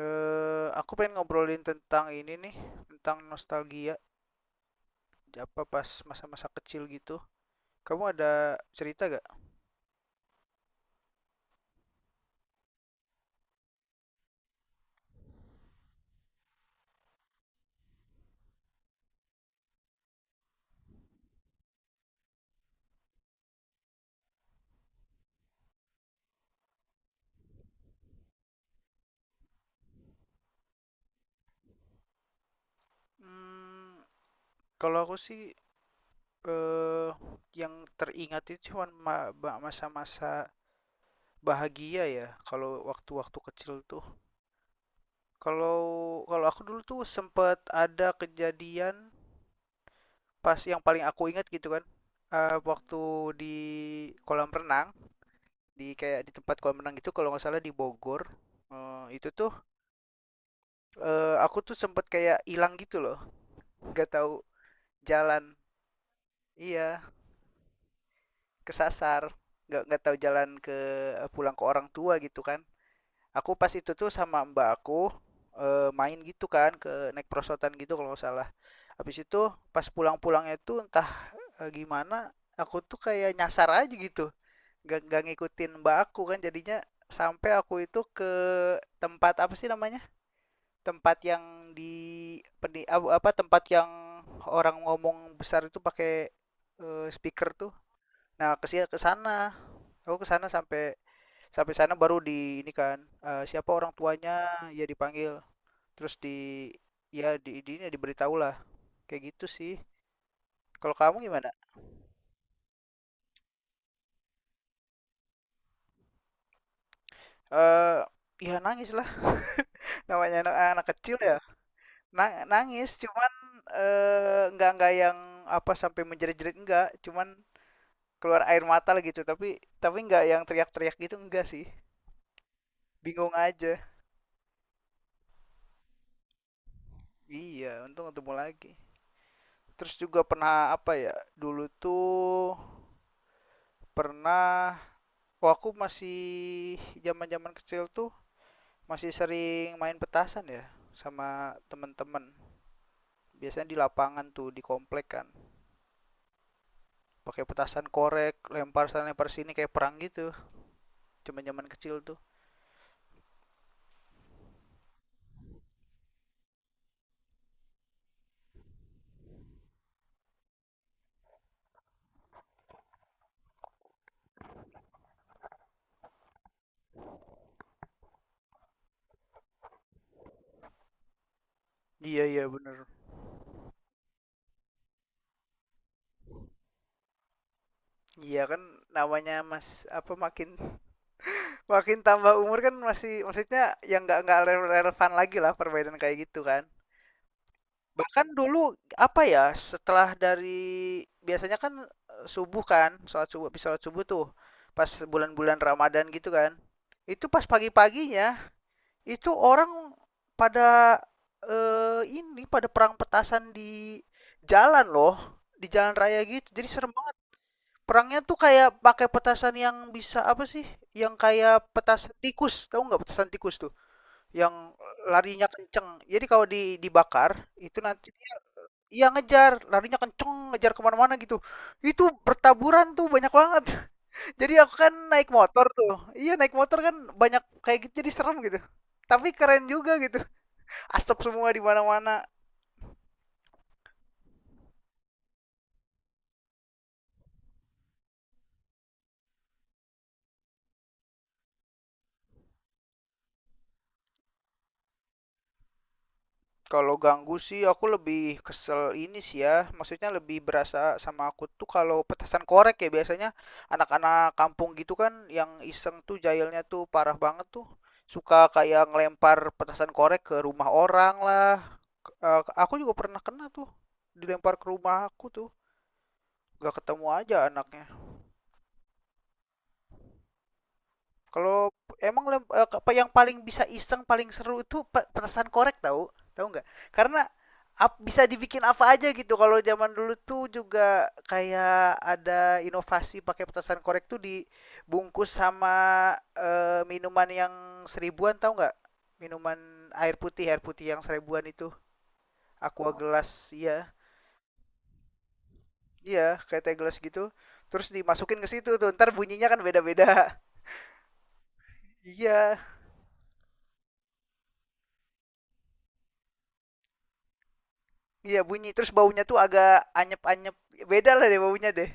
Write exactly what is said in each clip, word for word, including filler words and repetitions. Eh, aku pengen ngobrolin tentang ini nih, tentang nostalgia, apa pas masa-masa kecil gitu. Kamu ada cerita gak? Hmm, Kalau aku sih eh yang teringat itu cuma ma- ba- masa-masa bahagia ya, kalau waktu-waktu kecil tuh. Kalau kalau aku dulu tuh sempet ada kejadian pas yang paling aku ingat gitu kan. Eh waktu di kolam renang. Di kayak di tempat kolam renang gitu kalau nggak salah di Bogor. Eh, itu tuh eh, aku tuh sempet kayak hilang gitu loh, nggak tahu jalan. Iya, kesasar. Nggak nggak tahu jalan ke eh, pulang ke orang tua gitu kan. Aku pas itu tuh sama mbak aku eh, main gitu kan ke naik perosotan gitu kalau nggak salah. Habis itu pas pulang-pulangnya tuh entah eh, gimana aku tuh kayak nyasar aja gitu. Nggak nggak ngikutin mbak aku kan jadinya sampai aku itu ke tempat apa sih namanya? Tempat yang di peni- apa, tempat yang orang ngomong besar itu pakai eh, speaker tuh. Nah, ke si- ke sana. Aku ke sana sampai sampai sana baru di ini kan, eh, siapa orang tuanya, ya dipanggil. Terus di, ya di di ini diberitahu lah. Kayak gitu sih. Kalau kamu gimana? Eh Ya nangis lah. Namanya anak, anak kecil ya. Na- nangis cuman eh, nggak nggak yang apa sampai menjerit-jerit enggak, cuman keluar air mata gitu, tapi tapi nggak yang teriak-teriak gitu, enggak sih, bingung aja. Iya, untung ketemu lagi. Terus juga pernah apa ya, dulu tuh pernah, oh aku masih zaman-zaman kecil tuh masih sering main petasan ya sama temen-temen, biasanya di lapangan tuh di komplek kan, pakai petasan korek, lempar sana lempar sini kayak perang gitu, zaman-zaman kecil tuh. Iya, iya bener. Iya kan, namanya mas apa makin Makin tambah umur kan masih, maksudnya yang nggak nggak rele- relevan lagi lah perbedaan kayak gitu kan. Bahkan dulu apa ya, setelah dari biasanya kan eh, subuh kan, sholat subuh, habis sholat subuh tuh pas bulan-bulan Ramadan gitu kan. Itu pas pagi-paginya, itu orang pada eh, ini, pada perang petasan di jalan loh, di jalan raya gitu jadi serem. Perangnya tuh kayak pakai petasan yang bisa apa sih? Yang kayak petasan tikus, tahu nggak petasan tikus tuh? Yang larinya kenceng. Jadi kalau di, dibakar itu nanti, iya ngejar, larinya kenceng, ngejar kemana-mana gitu. Itu bertaburan tuh banyak banget. Jadi aku kan naik motor tuh. Iya naik motor kan, banyak kayak gitu jadi serem gitu. Tapi keren juga gitu. Asap semua di mana-mana. Kalau ganggu sih aku lebih kesel ini sih ya, maksudnya lebih berasa sama aku tuh kalau petasan korek ya, biasanya anak-anak kampung gitu kan yang iseng tuh, jahilnya tuh parah banget tuh. Suka kayak ngelempar petasan korek ke rumah orang lah. K- eh, aku juga pernah kena tuh, dilempar ke rumah aku tuh, gak ketemu aja anaknya. Kalau emang lem- eh, apa yang paling bisa iseng, paling seru itu pe- petasan korek, tahu? Tahu nggak? Karena ap- bisa dibikin apa aja gitu. Kalau zaman dulu tuh juga kayak ada inovasi pakai petasan korek tuh dibungkus sama eh, minuman yang seribuan, tahu nggak? Minuman air putih, air putih yang seribuan itu. Aqua gelas, iya. Iya, kayak teh gelas gitu. Terus dimasukin ke situ tuh, ntar bunyinya kan beda-beda. Iya. Iya bunyi, terus baunya tuh agak anyep-anyep, beda lah deh baunya deh.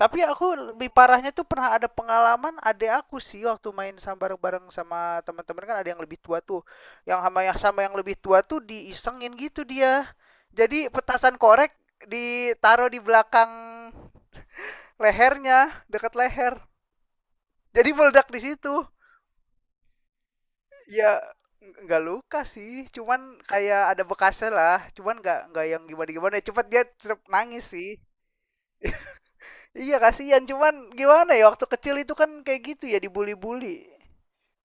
Tapi aku lebih parahnya tuh pernah ada pengalaman adek aku sih, waktu main sama, bareng-bareng sama teman-teman kan ada yang lebih tua tuh. Yang sama yang sama yang lebih tua tuh diisengin gitu dia. Jadi petasan korek ditaruh di belakang lehernya, dekat leher. Jadi meledak di situ. Ya nggak luka sih, cuman kayak ada bekasnya lah. Cuman nggak nggak yang gimana-gimana. Cepat dia tetap nangis sih. Iya kasihan, cuman gimana ya, waktu kecil itu kan kayak gitu ya, dibully-bully.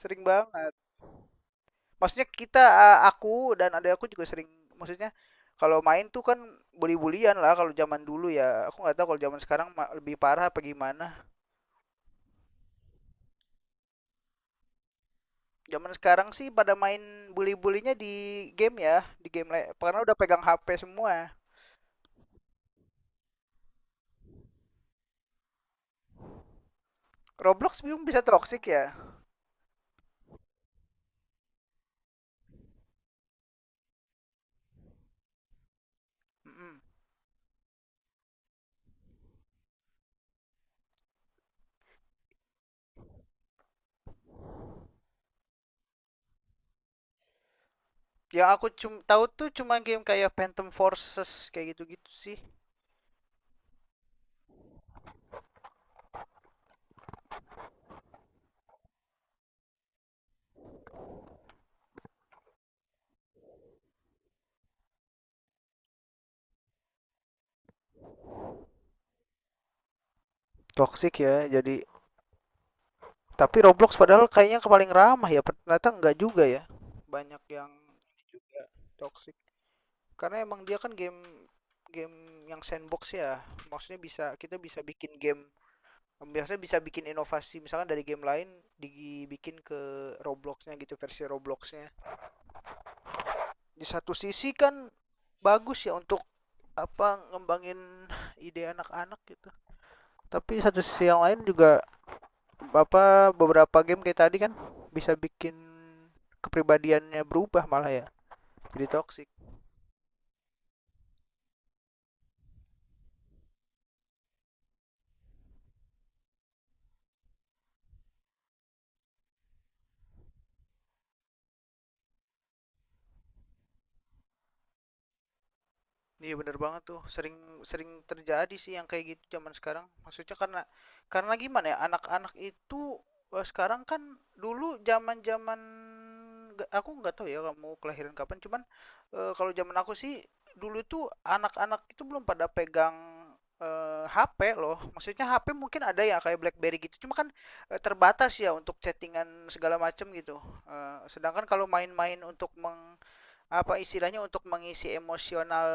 Sering banget. Maksudnya kita, a- aku dan adik aku juga sering, maksudnya kalau main tuh kan bully-bullyan lah kalau zaman dulu ya. Aku nggak tahu kalau zaman sekarang ma- lebih parah apa gimana. Zaman sekarang sih pada main bully-bullynya di game ya, di game le- karena udah pegang H P semua. Roblox belum bisa toxic ya. Mm-mm. Yang aku cum tahu tuh cuma game kayak Phantom Forces kayak gitu-gitu sih. Toxic ya, jadi tapi Roblox padahal kayaknya paling ramah ya, ternyata enggak juga ya. Banyak yang juga toxic. Karena emang dia kan game game yang sandbox ya. Maksudnya bisa, kita bisa bikin game, biasanya bisa bikin inovasi misalnya dari game lain dibikin ke Robloxnya gitu, versi Robloxnya. Di satu sisi kan bagus ya untuk apa ngembangin ide anak-anak gitu. Tapi satu sisi yang lain juga, Bapak beberapa game kayak tadi kan bisa bikin kepribadiannya berubah malah ya. Jadi toksik. Iya bener banget tuh, sering sering terjadi sih yang kayak gitu zaman sekarang. Maksudnya karena karena gimana ya, anak-anak itu eh, sekarang kan, dulu zaman-zaman nggak- aku nggak tahu ya kamu kelahiran kapan, cuman eh, kalau zaman aku sih, dulu tuh anak-anak itu belum pada pegang eh, H P loh. Maksudnya H P mungkin ada ya kayak BlackBerry gitu, cuma kan eh, terbatas ya untuk chattingan segala macem gitu. Eh, sedangkan kalau main-main untuk meng apa istilahnya, untuk mengisi emosional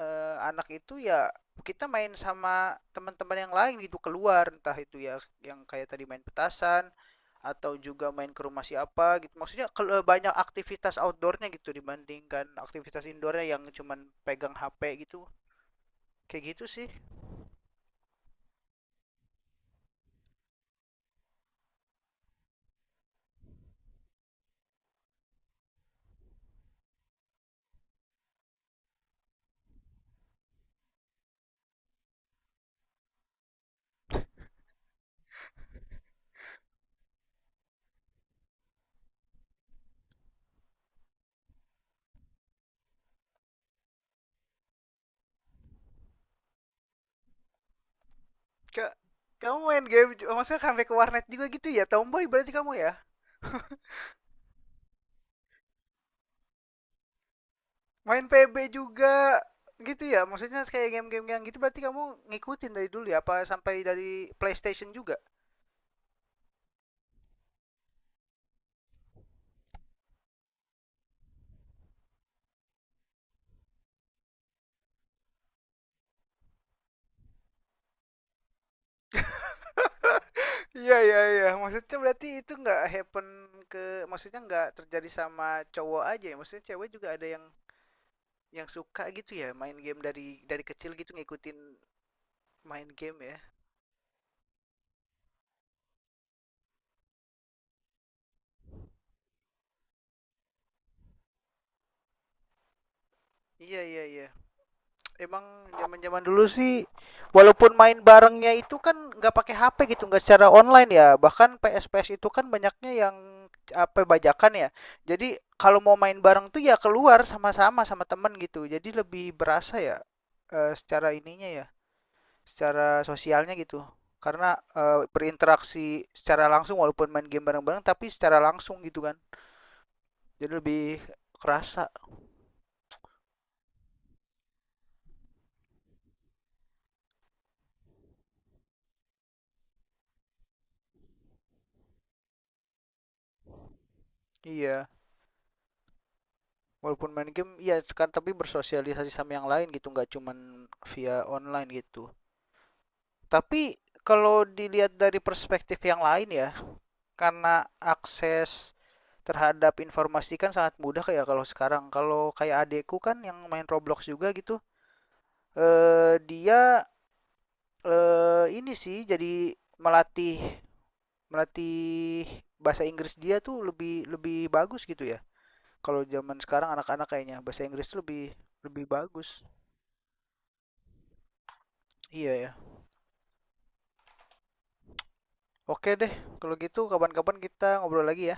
eh, anak itu ya, kita main sama teman-teman yang lain gitu, keluar, entah itu ya yang kayak tadi main petasan atau juga main ke rumah siapa gitu, maksudnya kalau banyak aktivitas outdoornya gitu dibandingkan aktivitas indoornya yang cuman pegang H P gitu, kayak gitu sih. Kak, kamu main game maksudnya sampai ke warnet juga gitu ya, tomboy berarti kamu ya. Main P B juga gitu ya? Maksudnya kayak game-game yang gitu, berarti kamu ngikutin dari dulu ya? Apa sampai dari PlayStation juga? Iya iya iya. Maksudnya berarti itu nggak happen ke, maksudnya nggak terjadi sama cowok aja ya? Maksudnya cewek juga ada yang yang suka gitu ya main game dari dari kecil gitu, ngikutin main game ya? Iya iya iya. Emang zaman zaman dulu sih walaupun main barengnya itu kan nggak pakai H P gitu, nggak secara online ya, bahkan P S P S itu kan banyaknya yang apa bajakan ya, jadi kalau mau main bareng tuh ya keluar sama-sama sama temen gitu, jadi lebih berasa ya eh, secara ininya ya, secara sosialnya gitu, karena eh, berinteraksi secara langsung, walaupun main game bareng-bareng tapi secara langsung gitu kan, jadi lebih kerasa, iya. Walaupun main game, ya kan, tapi bersosialisasi sama yang lain gitu, nggak cuman via online gitu. Tapi kalau dilihat dari perspektif yang lain ya, karena akses terhadap informasi kan sangat mudah kayak kalau sekarang. Kalau kayak adekku kan yang main Roblox juga gitu, eh dia eh ini sih, jadi melatih melatih bahasa Inggris dia tuh lebih lebih bagus gitu ya. Kalau zaman sekarang anak-anak kayaknya bahasa Inggris lebih lebih bagus. Iya, ya. Oke deh, kalau gitu kapan-kapan kita ngobrol lagi ya.